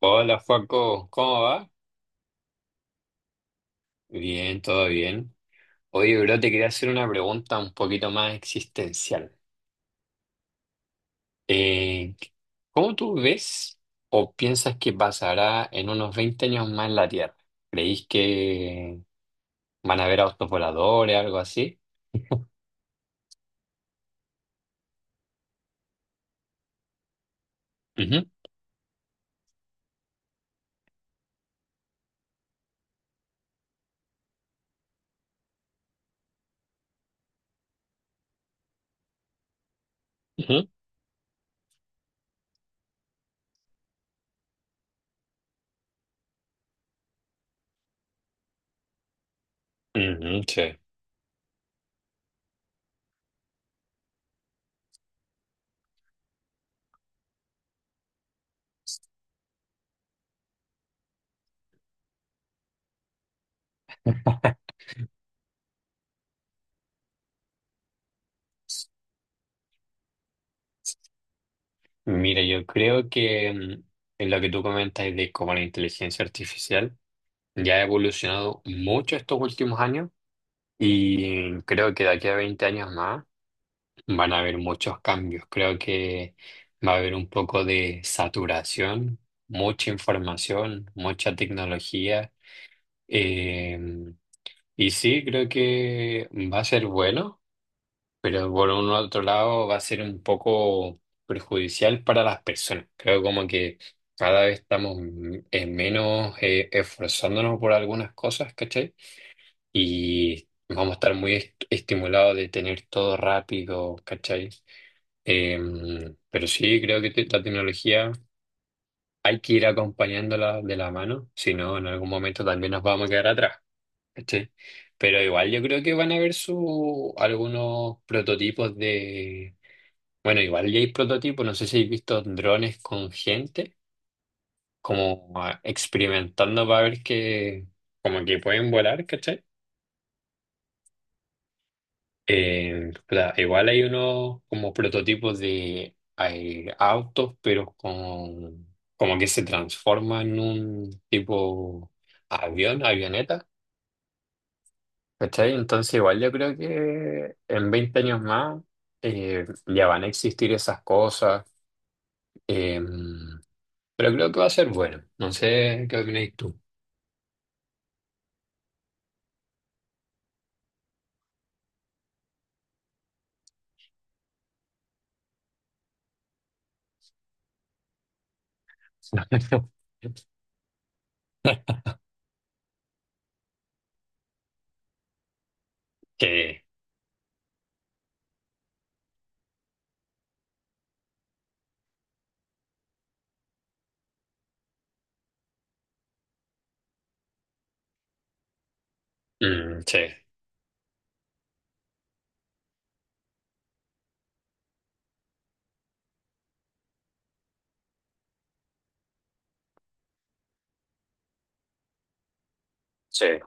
Hola, Joaco, ¿cómo va? Bien, todo bien. Oye, bro, te quería hacer una pregunta un poquito más existencial. Eh, ¿Cómo tú ves o piensas que pasará en unos 20 años más en la Tierra? ¿Creís que van a haber autos voladores, algo así? Ujú, ujú, ujú, sí. Mira, yo creo que en lo que tú comentas de cómo la inteligencia artificial ya ha evolucionado mucho estos últimos años y creo que de aquí a 20 años más van a haber muchos cambios. Creo que va a haber un poco de saturación, mucha información, mucha tecnología. Eh, y sí, creo que va a ser bueno, pero por un otro lado va a ser un poco perjudicial para las personas. Creo como que cada vez menos esforzándonos por algunas cosas, ¿cachai? Y vamos a estar estimulados de tener todo rápido, ¿cachai? Pero sí, creo que la tecnología hay que ir acompañándola de la mano, si no, en algún momento también nos vamos a quedar atrás. ¿Cachai? Pero igual yo creo que van a haber algunos prototipos de... Bueno, igual ya hay prototipos, no sé si habéis visto drones con gente, como ah, experimentando para ver que, como que pueden volar, ¿cachai? Igual hay unos como prototipos de hay autos, pero con, como que se transforma en un tipo avión, avioneta, ¿cachai? Entonces igual yo creo que en 20 años más ya van a existir esas cosas, eh, pero creo que va a ser bueno. No sé qué opináis tú. Que, mm, sí, sí.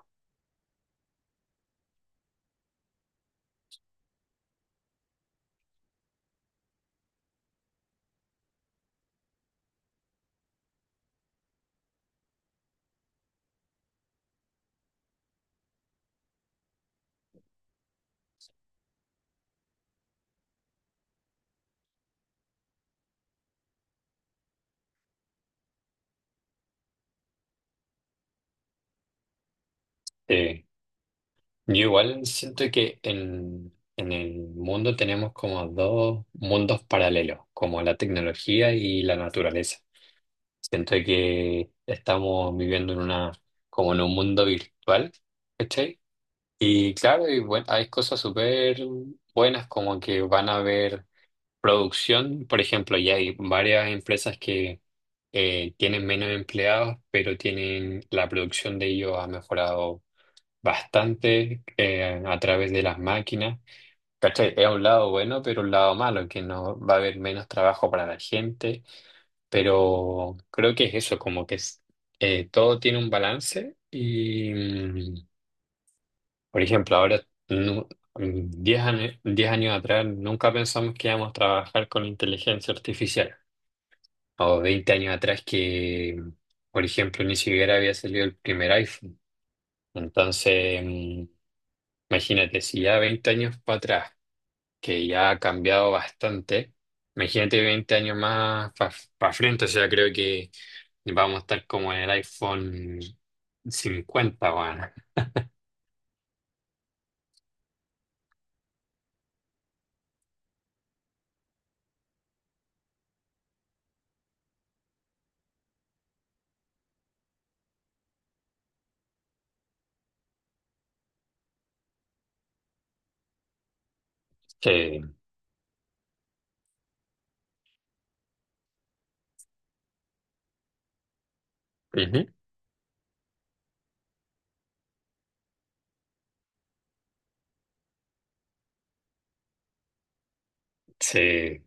Sí. Yo igual siento que en el mundo tenemos como dos mundos paralelos, como la tecnología y la naturaleza. Siento que estamos viviendo en una, como en un mundo virtual, ¿cachai? Y claro, hay cosas súper buenas como que van a haber producción, por ejemplo, ya hay varias empresas que tienen menos empleados, pero tienen la producción de ellos ha mejorado bastante a través de las máquinas. ¿Cachai? Es un lado bueno, pero un lado malo, que no va a haber menos trabajo para la gente, pero creo que es eso, todo tiene un balance y, por ejemplo, ahora, nu- 10 años, 10 años atrás, nunca pensamos que íbamos a trabajar con inteligencia artificial, o 20 años atrás que... por ejemplo, ni siquiera había salido el primer iPhone. Entonces, imagínate, si ya 20 años para atrás que ya ha cambiado bastante. Imagínate 20 años más para frente, o sea, creo que vamos a estar como en el iPhone 50, bueno. Que, ujú, sí,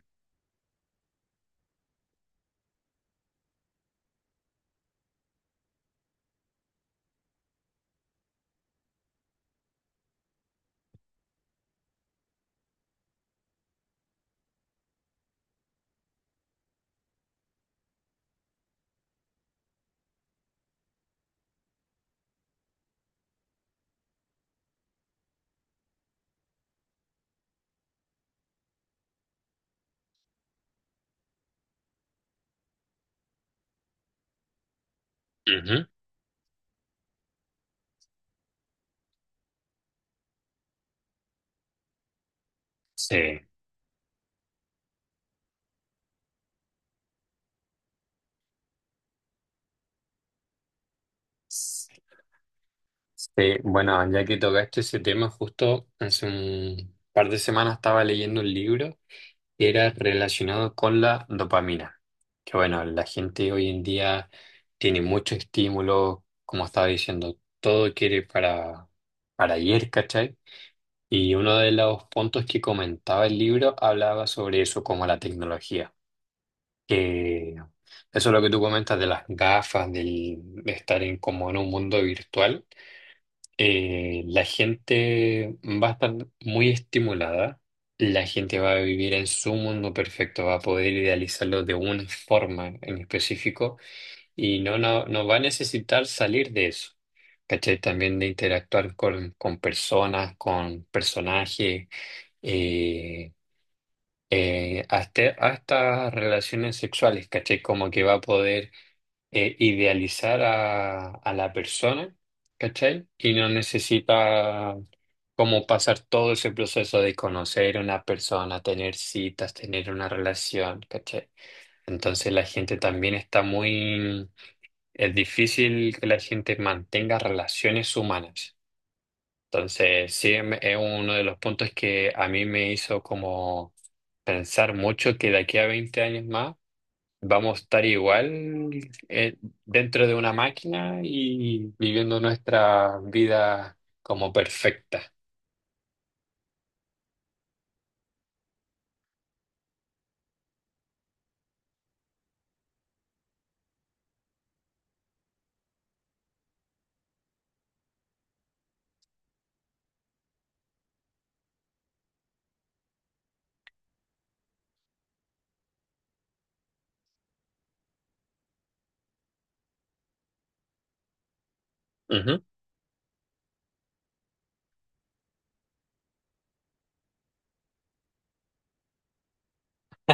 ujú, sí, sí. Bueno, ya que tocaste ese tema, justo hace un par de semanas estaba leyendo un libro que era relacionado con la dopamina. Que bueno, la gente hoy en día tiene mucho estímulo, como estaba diciendo, todo quiere para ayer, ¿cachai? Y uno de los puntos que comentaba el libro hablaba sobre eso, como la tecnología. Que eso es lo que tú comentas de las gafas, del estar en, como en un mundo virtual la gente va a estar muy estimulada, la gente va a vivir en su mundo perfecto, va a poder idealizarlo de una forma en específico y no va a necesitar salir de eso. ¿Cachai? También de interactuar con personas, con personajes, eh, hasta, hasta relaciones sexuales, ¿cachai? Como que va a poder idealizar a la persona, ¿cachai? Y no necesita como pasar todo ese proceso de conocer a una persona, tener citas, tener una relación, ¿cachai? Entonces la gente también está muy... Es difícil que la gente mantenga relaciones humanas. Entonces, sí, es uno de los puntos que a mí me hizo como pensar mucho que de aquí a 20 años más vamos a estar igual eh, dentro de una máquina y viviendo nuestra vida como perfecta. Ujú.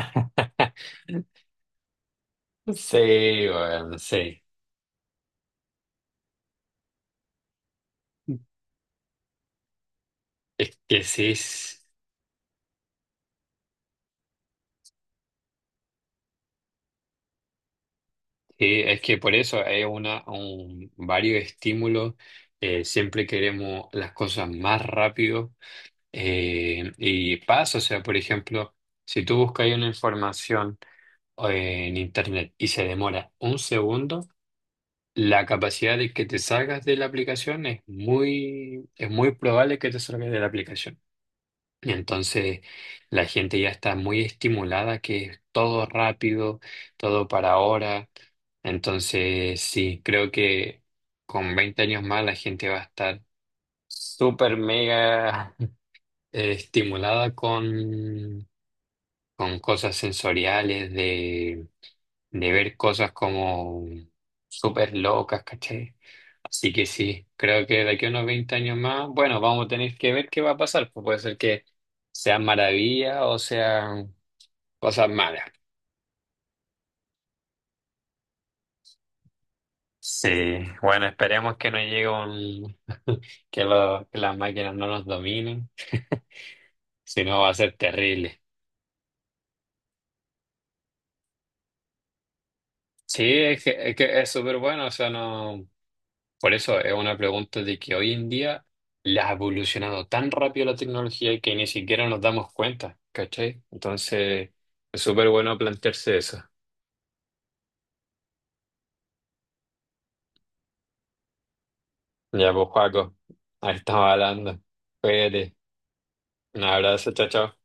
Sí, bueno, sí. Es que sí, es que por eso hay varios estímulos. Siempre queremos las cosas más rápido y pasa. O sea, por ejemplo, si tú buscas ahí una información en internet y se demora un segundo, la capacidad de que te salgas de la aplicación es muy probable que te salgas de la aplicación. Y entonces la gente ya está muy estimulada, que es todo rápido, todo para ahora. Entonces, sí, creo que con 20 años más la gente va a estar súper mega estimulada con cosas sensoriales de ver cosas como súper locas, ¿cachai? Así que sí, creo que de aquí a unos 20 años más, bueno, vamos a tener que ver qué va a pasar, pues puede ser que sean maravillas o sean cosas malas. Sí, bueno, esperemos que no llegue un, que, que las máquinas no nos dominen, si no va a ser terrible. Sí, es que es que es súper bueno, o sea, no. Por eso es una pregunta de que hoy en día la ha evolucionado tan rápido la tecnología que ni siquiera nos damos cuenta, ¿cachai? Entonces, es súper bueno plantearse eso. Ya, pues, Joaco, ahí estamos hablando. Cuídate. Un abrazo, chao, chao.